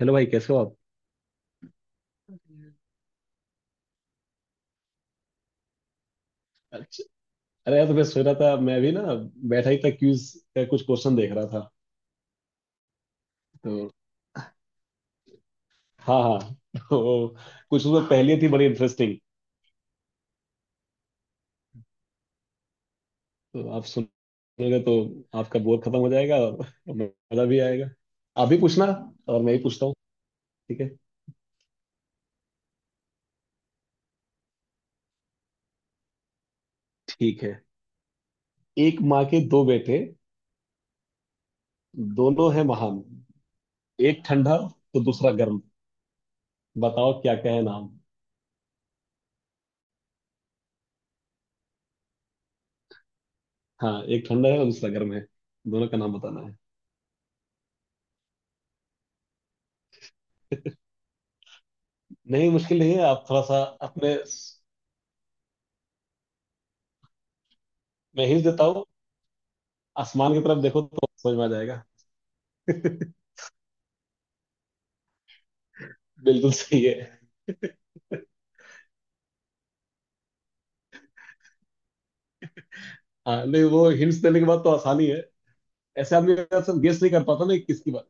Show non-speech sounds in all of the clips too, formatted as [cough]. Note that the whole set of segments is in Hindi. हेलो भाई, कैसे हो आप। अच्छा। अरे यार, तो मैं सोच रहा था मैं भी ना बैठा ही था क्यूज का कुछ क्वेश्चन देख रहा था। तो हाँ हाँ, तो कुछ उसमें पहेली थी बड़ी इंटरेस्टिंग। तो आप सुनोगे तो आपका बोर खत्म हो जाएगा और मजा भी आएगा। आप भी पूछना और मैं ही पूछता हूँ। ठीक है। ठीक है। एक माँ के दो बेटे, दोनों हैं महान, एक ठंडा तो दूसरा गर्म, बताओ क्या क्या है नाम। हाँ, एक ठंडा है और दूसरा गर्म है। दोनों का नाम बताना है। नहीं, मुश्किल नहीं है। आप थोड़ा सा अपने, मैं हिंट देता हूँ। आसमान की तरफ देखो तो समझ में आ जाएगा। बिल्कुल सही है। हाँ नहीं, वो हिंट्स देने के बाद तो आसानी है। ऐसे आदमी अगर सब गेस नहीं कर पाता ना कि किसकी बात।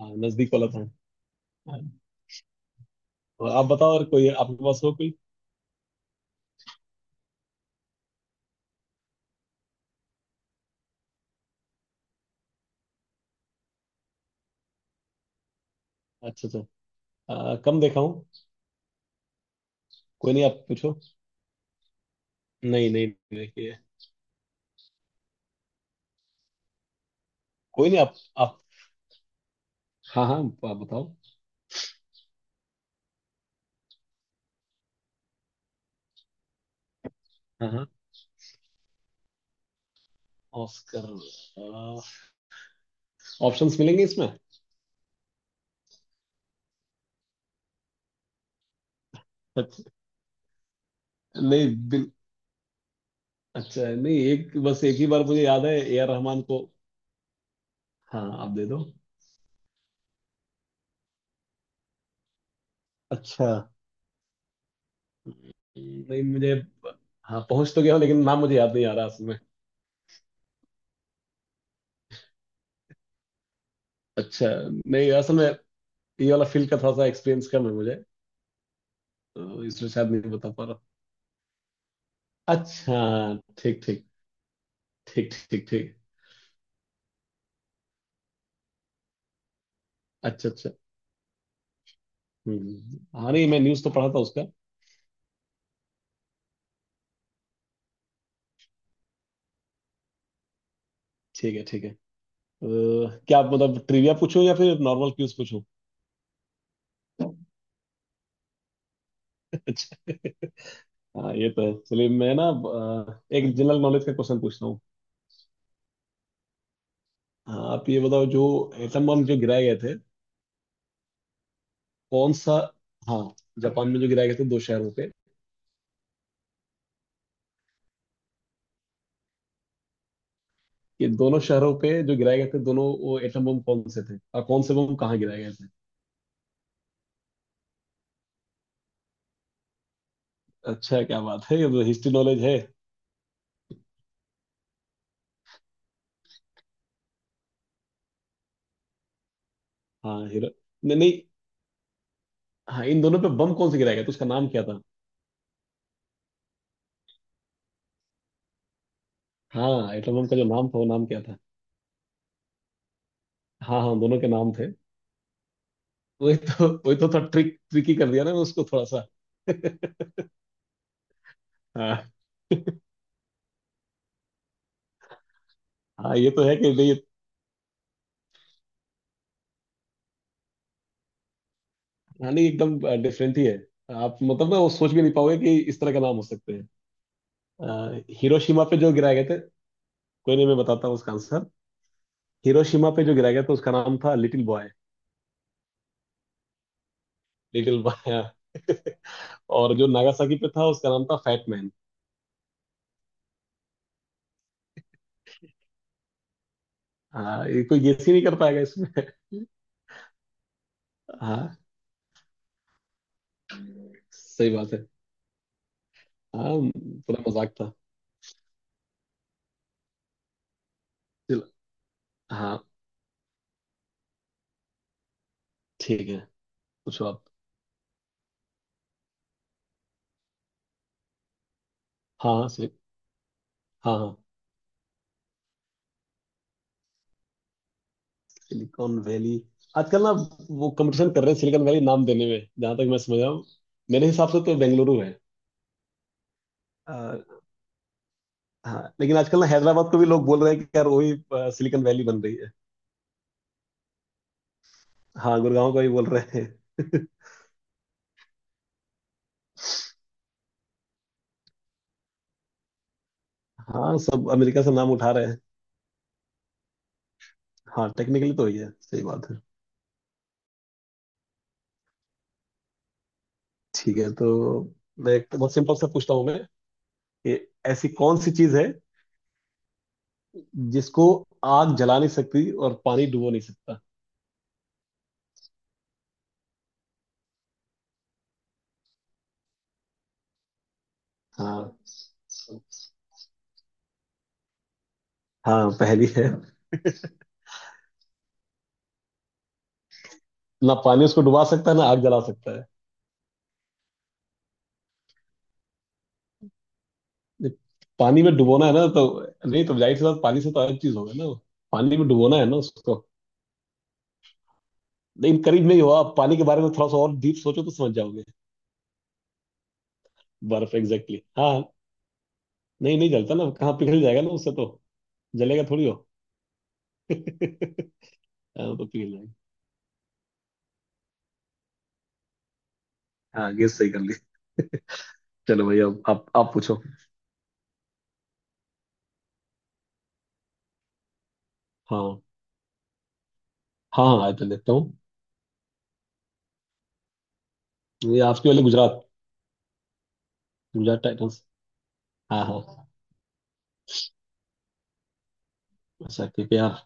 हाँ, नजदीक वाला था। हाँ, तो आप बताओ, और कोई आपके पास हो कोई। अच्छा अच्छा, कम देखा हूँ। कोई नहीं, आप पूछो। नहीं नहीं। नहीं, ये। कोई नहीं, आप। हाँ हाँ, आप बताओ। हाँ हाँ। ऑस्कर। ऑप्शंस मिलेंगे इसमें [laughs] अच्छा, नहीं अच्छा नहीं, एक बस एक ही बार मुझे याद है ए आर रहमान को। हाँ, आप दे दो। अच्छा, नहीं मुझे। हाँ पहुंच तो गया हूँ, लेकिन नाम मुझे याद नहीं आ रहा असल में। अच्छा, नहीं असल में ये वाला फील्ड का थोड़ा सा एक्सपीरियंस कम है मुझे, तो इसलिए शायद नहीं बता पा रहा। अच्छा। ठीक ठीक। ठीक ठीक ठीक। अच्छा अच्छा। हम्म, हाँ नहीं, मैं न्यूज़ तो पढ़ा था उसका। ठीक है ठीक है, क्या आप मतलब ट्रिविया पूछूं या फिर नॉर्मल क्यूज पूछूं। [laughs] अच्छा। हाँ ये तो है, चलिए मैं ना एक जनरल नॉलेज का क्वेश्चन पूछता हूँ। हाँ, आप ये बताओ, जो एटम बम जो गिराए गए थे कौन सा। हाँ, जापान में जो गिराए गए थे दो शहरों पे। ये दोनों शहरों पे जो गिराए गए थे, दोनों वो एटम बम कौन से थे और कौन से बम कहाँ गिराए गए थे। अच्छा, क्या बात है, ये तो हिस्ट्री नॉलेज है। हाँ हीरो। नहीं नहीं। हाँ, इन दोनों पे बम कौन से गिराए गए थे, उसका नाम क्या था। हाँ, एटम बम का जो नाम था, वो नाम क्या था। हाँ हाँ, दोनों के नाम थे। वही तो थोड़ा ट्रिकी कर दिया ना, मैं उसको थोड़ा सा। [laughs] हाँ हाँ, ये तो है कि नहीं। हाँ नहीं, एकदम डिफरेंट ही है। आप मतलब ना वो सोच भी नहीं पाओगे कि इस तरह का नाम हो सकते हैं। हिरोशिमा पे जो गिराए गए थे। कोई नहीं, मैं बताता हूँ उसका आंसर। हिरोशिमा पे जो गिराया गया था उसका नाम था लिटिल बॉय। Little boy. [laughs] और जो नागासाकी पे था उसका नाम था फैट मैन। हाँ, ये कोई गेस ही नहीं कर पाएगा इसमें। [laughs] हाँ, सही बात है। हाँ। पूरा मजाक था। चलो। हाँ ठीक है, पूछो आप। हाँ हाँ सही। हाँ हाँ। सिलिकॉन वैली आजकल ना वो कंपटीशन कर रहे हैं सिलिकॉन वैली नाम देने में, जहां तक मैं समझ रहा हूँ। मेरे हिसाब से तो बेंगलुरु है। अ, हाँ लेकिन आजकल ना हैदराबाद को भी लोग बोल रहे हैं कि यार वही सिलिकॉन वैली बन रही है। हाँ, गुड़गांव को भी बोल रहे हैं। [laughs] हाँ, सब अमेरिका से नाम उठा रहे हैं। हाँ टेक्निकली तो ही है, सही बात है। ठीक है, तो मैं एक बहुत सिंपल सा पूछता हूँ मैं कि ऐसी कौन सी चीज है जिसको आग जला नहीं सकती और पानी डुबो नहीं सकता। हाँ हाँ, पहली है। ना पानी उसको डुबा सकता है ना आग जला सकता है। ये पानी में डुबोना है ना, तो नहीं तो जाहिर सी बात पानी से तो अलग चीज होगा ना वो। पानी में डुबोना है ना उसको। लेकिन करीब नहीं हुआ, आप पानी के बारे में थोड़ा सा और डीप सोचो तो समझ जाओगे। बर्फ एग्जैक्टली, हाँ। नहीं नहीं जलता ना, कहाँ पिघल जाएगा ना उससे तो। जलेगा थोड़ी हो। [laughs] हाँ, तो पिघल जाएगा। हाँ, गेस सही कर ली। चलो भैया, अब आप पूछो। हाँ हाँ हाँ, आइए देखता हूँ। ये आपके वाले गुजरात, गुजरात टाइटंस। हाँ हाँ। अच्छा ठीक है आप।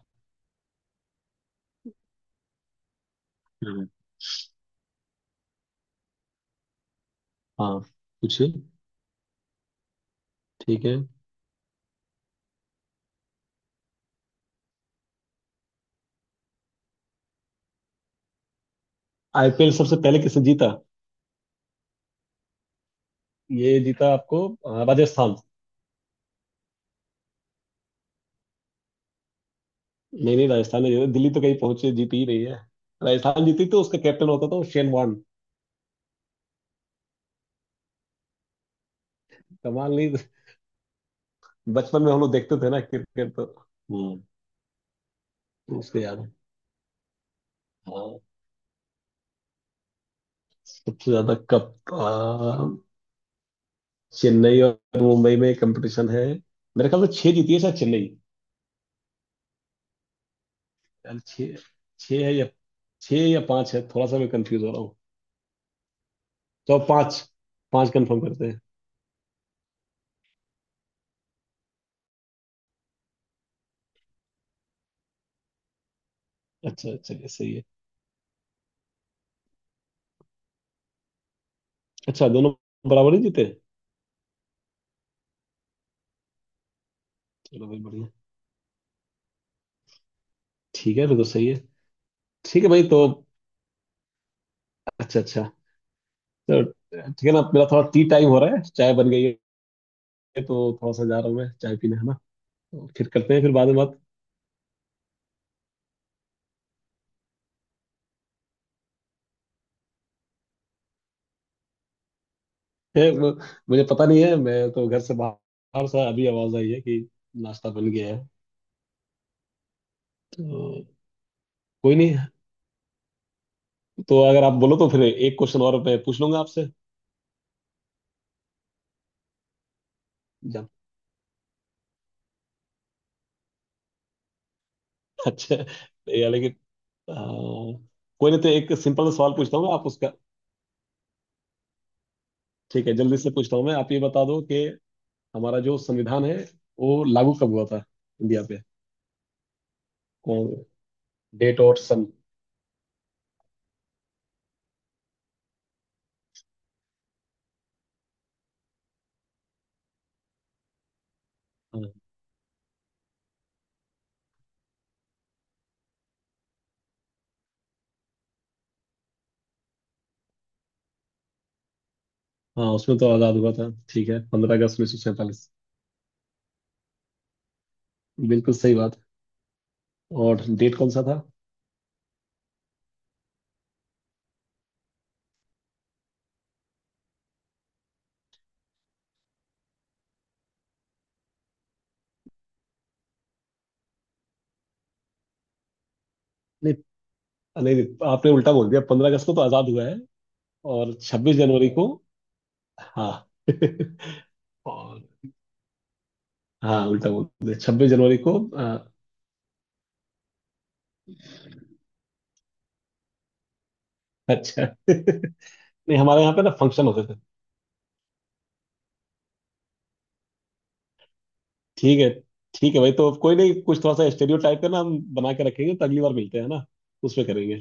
हाँ, पूछिए। ठीक है। आईपीएल सबसे पहले किसने जीता। ये जीता आपको राजस्थान। नहीं नहीं, राजस्थान ने जीता, दिल्ली तो कहीं पहुंचे जीती ही नहीं है। राजस्थान जीती तो उसका कैप्टन होता था वो शेन वॉर्न। कमाल नहीं। बचपन में हम लोग देखते थे ना क्रिकेट तो। हम्म। उसके याद है। हाँ, सबसे ज्यादा कप, चेन्नई और मुंबई में कंपटीशन है। मेरे ख्याल से छह जीती है शायद चेन्नई। यार छह, छह है या छह या पांच है, थोड़ा सा मैं कंफ्यूज हो रहा हूँ। तो पांच, पांच कंफर्म करते हैं। अच्छा, चलिए सही है। अच्छा, दोनों बराबर ही जीते। चलो भाई, बढ़िया। ठीक है, फिर तो सही है। ठीक है भाई, तो अच्छा अच्छा, तो ठीक है ना, मेरा थोड़ा टी टाइम हो रहा है, चाय बन गई है। तो थोड़ा सा जा रहा हूँ मैं चाय पीने, है ना। तो फिर करते हैं फिर बाद में बात। है वो-। मुझे पता नहीं है, मैं तो घर से बाहर से अभी आवाज आई है कि नाश्ता बन गया है। तो कोई नहीं, तो अगर आप बोलो तो फिर एक क्वेश्चन और मैं पूछ लूंगा आपसे। जब। अच्छा, या लेकिन कोई नहीं, तो एक सिंपल सवाल पूछता हूँ मैं, आप उसका। ठीक है, जल्दी से पूछता हूँ मैं, आप ये बता दो कि हमारा जो संविधान है वो लागू कब हुआ था इंडिया पे, कौन डेट और सन। हाँ, हाँ, उसमें तो आजाद हुआ था, ठीक है, 15 अगस्त 1947। बिल्कुल सही बात। और डेट कौन सा था। नहीं नहीं, आपने उल्टा बोल दिया, 15 अगस्त को तो आजाद हुआ है। और 26 जनवरी को। हाँ। [laughs] और हाँ, उल्टा बोल दिया, 26 जनवरी को अच्छा। [laughs] नहीं, हमारे यहाँ पे ना फंक्शन होते थे। ठीक है। ठीक है भाई, तो कोई नहीं, कुछ थोड़ा सा स्टेरियो टाइप का ना हम बना के रखेंगे तो अगली बार मिलते हैं ना, उसमें करेंगे।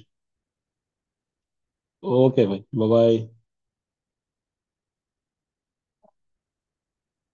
ओके भाई, बाय बाय।